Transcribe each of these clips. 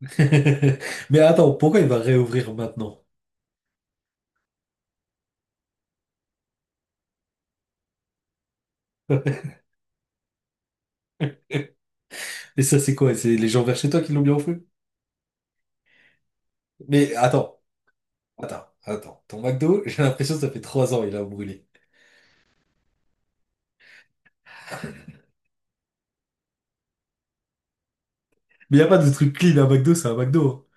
Mais attends, pourquoi il va réouvrir maintenant? Et ça, c'est quoi? C'est les gens vers chez toi qui l'ont bien offert? Mais attends, attends, attends. Ton McDo, j'ai l'impression que ça fait 3 ans il a brûlé. Mais y a pas de truc clean à McDo, c'est un McDo.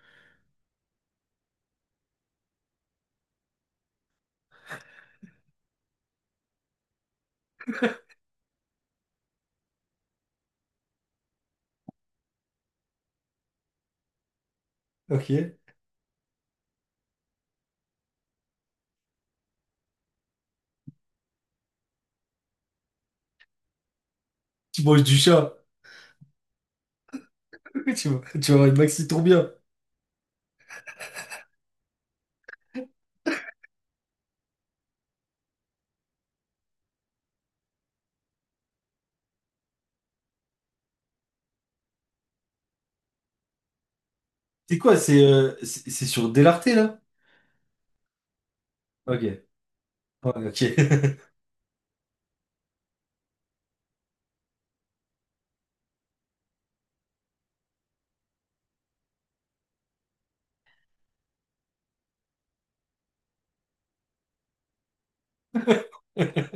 Hein. Ok. Tu manges du chat. Tu vas avoir une maxi bien. C'est quoi? C'est c'est sur Delarté, là? Ok. Ouais, ok.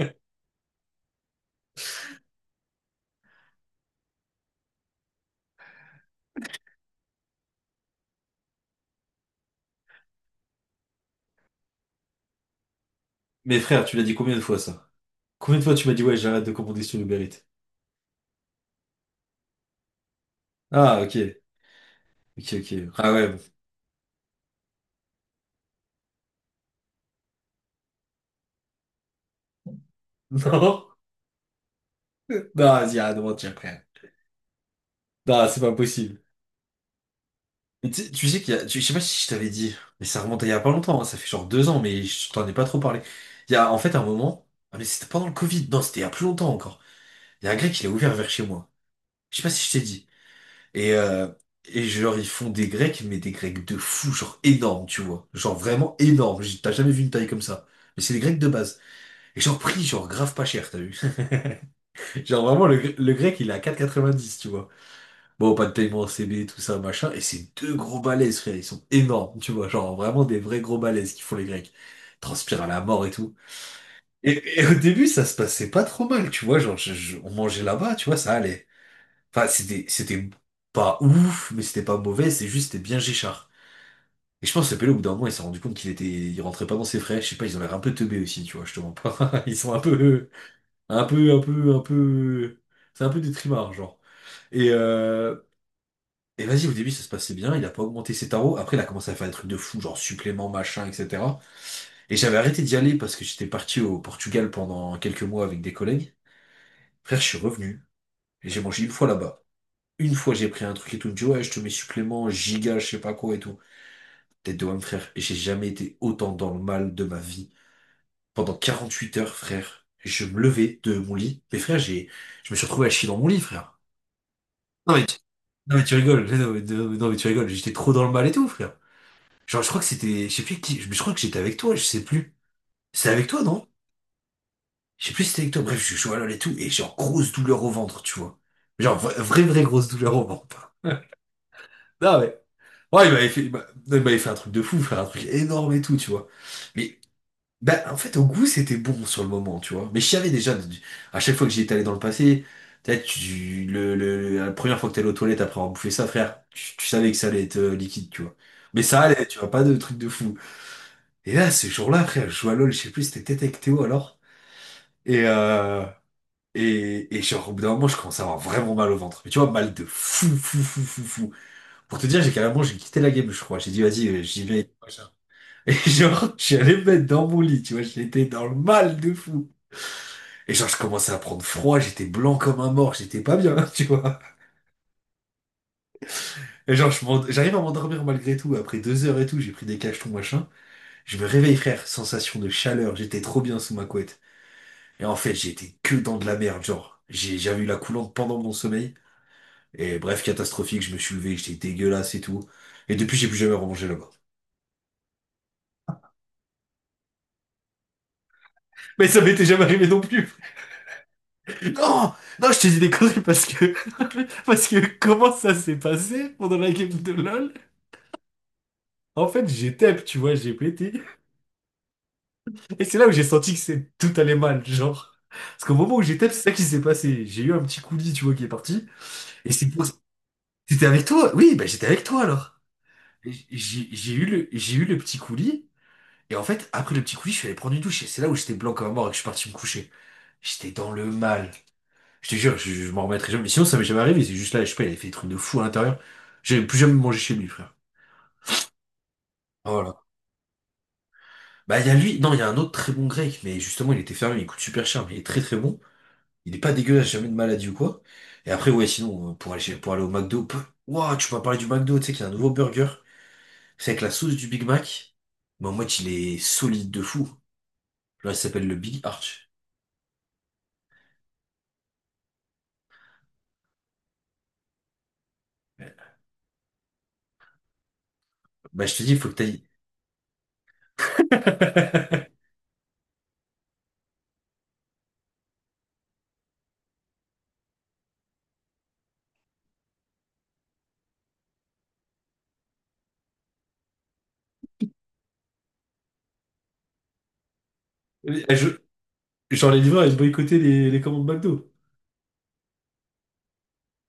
Mais frère, tu l'as dit combien de fois, ça? Combien de fois tu m'as dit, ouais, j'arrête de commander sur Uber Eats? Ah, ok. Ok, ok. Ah ouais. Bon. Non. Non, vas-y, arrête de mentir, frère. Non, c'est pas possible. Mais tu sais qu'il y a, je sais pas si je t'avais dit, mais ça remonte à il y a pas longtemps, hein, ça fait genre 2 ans, mais je t'en ai pas trop parlé. Il y a en fait un moment, ah mais c'était pendant le Covid, non, c'était il y a plus longtemps encore. Il y a un grec, il a ouvert vers chez moi. Je sais pas si je t'ai dit. Et, euh, et genre, ils font des grecs, mais des grecs de fou, genre énormes, tu vois. Genre vraiment énormes, t'as jamais vu une taille comme ça. Mais c'est des grecs de base. Et genre prix, genre grave pas cher, t'as vu. Genre vraiment, le grec, il est à 10, tu vois. Bon, pas de paiement en CB, tout ça, machin. Et c'est deux gros balaises, frère. Ils sont énormes, tu vois. Genre, vraiment des vrais gros balaises qui font les Grecs. Ils transpirent à la mort et tout. Et au début, ça se passait pas trop mal, tu vois. Genre, on mangeait là-bas, tu vois, ça allait. Enfin, c'était pas ouf, mais c'était pas mauvais. C'est juste, c'était bien Géchard. Et je pense que ce pélo, au bout d'un moment, il s'est rendu compte il rentrait pas dans ses frais. Je sais pas, ils ont l'air un peu teubés aussi, tu vois, je te mens pas. Ils sont un peu, un peu, un peu, un peu, c'est un peu des trimards, genre. Et, euh, Et vas-y, au début, ça se passait bien, il a pas augmenté ses tarots. Après, il a commencé à faire des trucs de fou, genre supplément machin, etc. Et j'avais arrêté d'y aller parce que j'étais parti au Portugal pendant quelques mois avec des collègues. Frère, je suis revenu et j'ai mangé une fois là-bas. Une fois, j'ai pris un truc et tout. Il me dit, ouais, je te mets supplément, giga, je sais pas quoi et tout. Tête de homme, frère. Et j'ai jamais été autant dans le mal de ma vie. Pendant 48 heures, frère, je me levais de mon lit. Mais frère, je me suis retrouvé à chier dans mon lit, frère. Non, mais tu- Non, mais tu rigoles. Non, mais, non, mais tu rigoles. J'étais trop dans le mal et tout, frère. Genre, je crois que c'était, je sais plus qui, je crois que j'étais avec toi, je sais plus. C'était avec toi, non? Je sais plus si c'était avec toi. Bref, je suis allé et tout, et genre, grosse douleur au ventre, tu vois. Genre, vraie, vraie grosse douleur au ventre. Hein. Non, mais, ouais, il m'avait fait, non, il m'avait fait un truc de fou, frère, un truc énorme et tout, tu vois. Mais, bah, en fait, au goût, c'était bon sur le moment, tu vois. Mais je savais déjà, à chaque fois que j'y étais allé dans le passé, peut-être, la première fois que t'allais aux toilettes après avoir bouffé ça, frère, tu savais que ça allait être liquide, tu vois. Mais ça allait, tu vois, pas de truc de fou. Et là, ce jour-là, frère, je joue à LoL, je sais plus, si c'était peut-être avec Théo alors. Et, euh, et genre, au bout d'un moment, je commence à avoir vraiment mal au ventre. Mais tu vois, mal de fou, fou, fou, fou, fou. Pour te dire, j'ai carrément, j'ai quitté la game, je crois. J'ai dit, vas-y, j'y vais. Machin. Et genre, je suis allé me mettre dans mon lit, tu vois, j'étais dans le mal de fou. Et genre, je commençais à prendre froid, j'étais blanc comme un mort, j'étais pas bien, tu vois. Et genre, j'arrive à m'endormir malgré tout. Après 2 heures et tout, j'ai pris des cachetons, machin. Je me réveille, frère, sensation de chaleur, j'étais trop bien sous ma couette. Et en fait, j'étais que dans de la merde, genre. J'avais eu la coulante pendant mon sommeil. Et bref, catastrophique, je me suis levé, j'étais dégueulasse et tout. Et depuis, j'ai plus jamais remangé là-bas. Mais ça m'était jamais arrivé non plus. Non, non, je te dis des conneries parce que parce que comment ça s'est passé pendant la game de LoL? En fait, j'étais, tu vois, j'ai pété. Et c'est là où j'ai senti que c'est tout allait mal, genre. Parce qu'au moment où j'étais, c'est ça qui s'est passé. J'ai eu un petit coulis, tu vois, qui est parti. Et c'est pour... T'étais avec toi? Oui, bah j'étais avec toi alors. J'ai eu le petit coulis. Et en fait, après le petit coulis, je suis allé prendre une douche. Et c'est là où j'étais blanc comme un mort et que je suis parti me coucher. J'étais dans le mal. Je te jure, je m'en remettrai jamais. Mais sinon, ça m'est jamais arrivé. C'est juste là, je sais pas, il avait fait des trucs de fou à l'intérieur. J'avais plus jamais mangé chez lui, frère. Voilà. Bah, il y a lui. Non, il y a un autre très bon grec. Mais justement, il était fermé. Il coûte super cher, mais il est très très bon. Il est pas dégueulasse, jamais de maladie ou quoi. Et après, ouais, sinon, pour aller, pour aller au McDo. Ouah, tu m'as parlé du McDo. Tu sais qu'il y a un nouveau burger. C'est avec la sauce du Big Mac. Mais en mode, il est solide de fou. Genre, il s'appelle le Big Arch. Bah, je te dis, il faut que t'ailles. Les- je- Genre les livreurs, ils boycottaient les commandes McDo.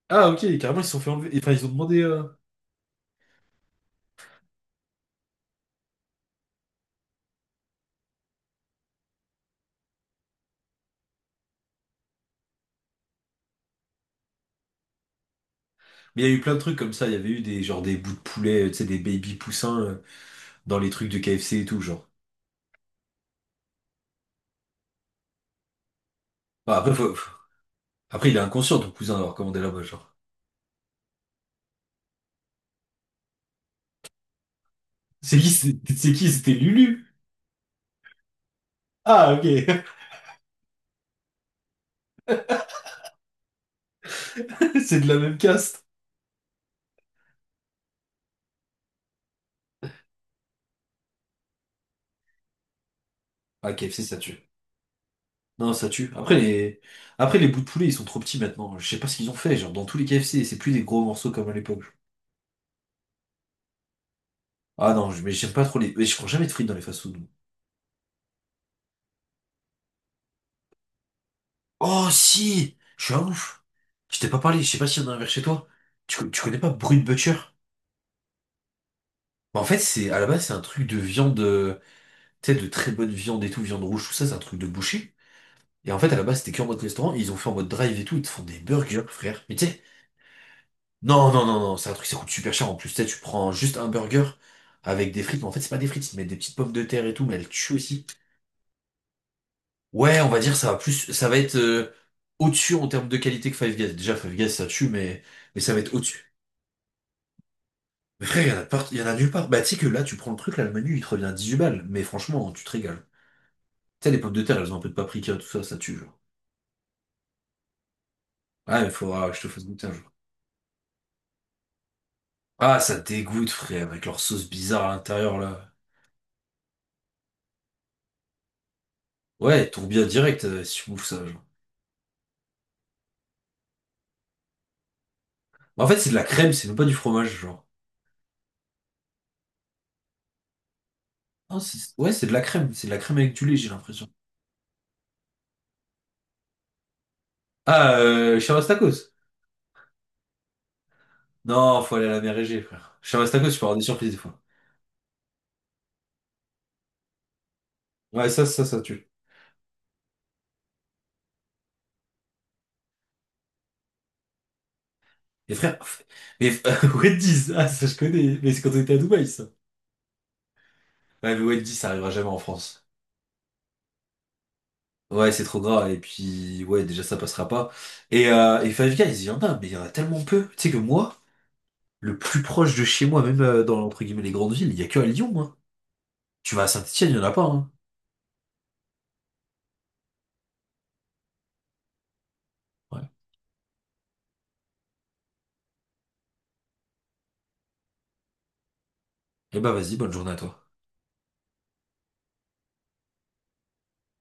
Ah ok, carrément ils se sont fait enlever. Enfin ils ont demandé. Mais il y a eu plein de trucs comme ça. Il y avait eu des, genre, des bouts de poulet, tu sais, des baby poussins dans les trucs de KFC et tout, genre. Bah, après, après, il est inconscient, ton cousin, d'avoir commandé là-bas, genre. C'est qui? C'est qui? C'était Lulu. Ah ok, c'est de la même caste. Ah, KFC, ça tue. Non, ça tue. Après, les bouts de poulet, ils sont trop petits maintenant. Je sais pas ce qu'ils ont fait. Genre, dans tous les KFC, c'est plus des gros morceaux comme à l'époque. Ah non, mais j'aime pas trop les. Mais je prends jamais de frites dans les fast-food. Oh si! Je suis un ouf! Je t'ai pas parlé, je sais pas s'il y en a un vers chez toi. Tu connais pas Brut Butcher? Bah, en fait, c'est à la base, c'est un truc de viande, tu sais, de très bonne viande et tout, viande rouge, tout ça, c'est un truc de boucher. Et en fait, à la base, c'était que en mode restaurant, et ils ont fait en mode drive et tout, ils te font des burgers, frère. Mais tu sais, non, non, non, non, c'est un truc, ça coûte super cher en plus. Tu sais, tu prends juste un burger avec des frites, mais en fait, c'est pas des frites, ils te mettent des petites pommes de terre et tout, mais elles tuent aussi. Ouais, on va dire, ça va être au-dessus en termes de qualité que Five Guys. Déjà, Five Guys, ça tue, mais ça va être au-dessus. Mais frère, il y en a nulle part. Bah, tu sais que là, tu prends le truc, là, le menu, il te revient 8 balles, mais franchement, tu te régales. Tu sais, les pommes de terre, elles ont un peu de paprika, tout ça, ça tue, genre. Ah, il faudra que je te fasse goûter un jour. Ah, ça dégoûte, frère, avec leur sauce bizarre à l'intérieur, là. Ouais, tourbillon direct, si tu bouffes ça, genre. En fait, c'est de la crème, c'est même pas du fromage, genre. Ah, ouais, c'est de la crème, c'est de la crème avec du lait, j'ai l'impression. Ah, Chamastakos. Non, faut aller à la mer Égée, frère. Chamastakos, tu peux avoir des surprises des fois. Ouais, ça tue. Et frère, mais Wendy's, ah, ça je connais, mais c'est quand on était à Dubaï, ça. Ouais, mais Wendy's, ça arrivera jamais en France. Ouais, c'est trop gras, et puis, ouais, déjà, ça passera pas. Et Five Guys, il y en a, mais il y en a tellement peu. Tu sais que moi, le plus proche de chez moi, même dans, entre guillemets, les grandes villes, il y a que à Lyon, hein. Tu vas à Saint-Étienne, il y en a pas, hein. Eh bah vas-y, bonne journée à toi.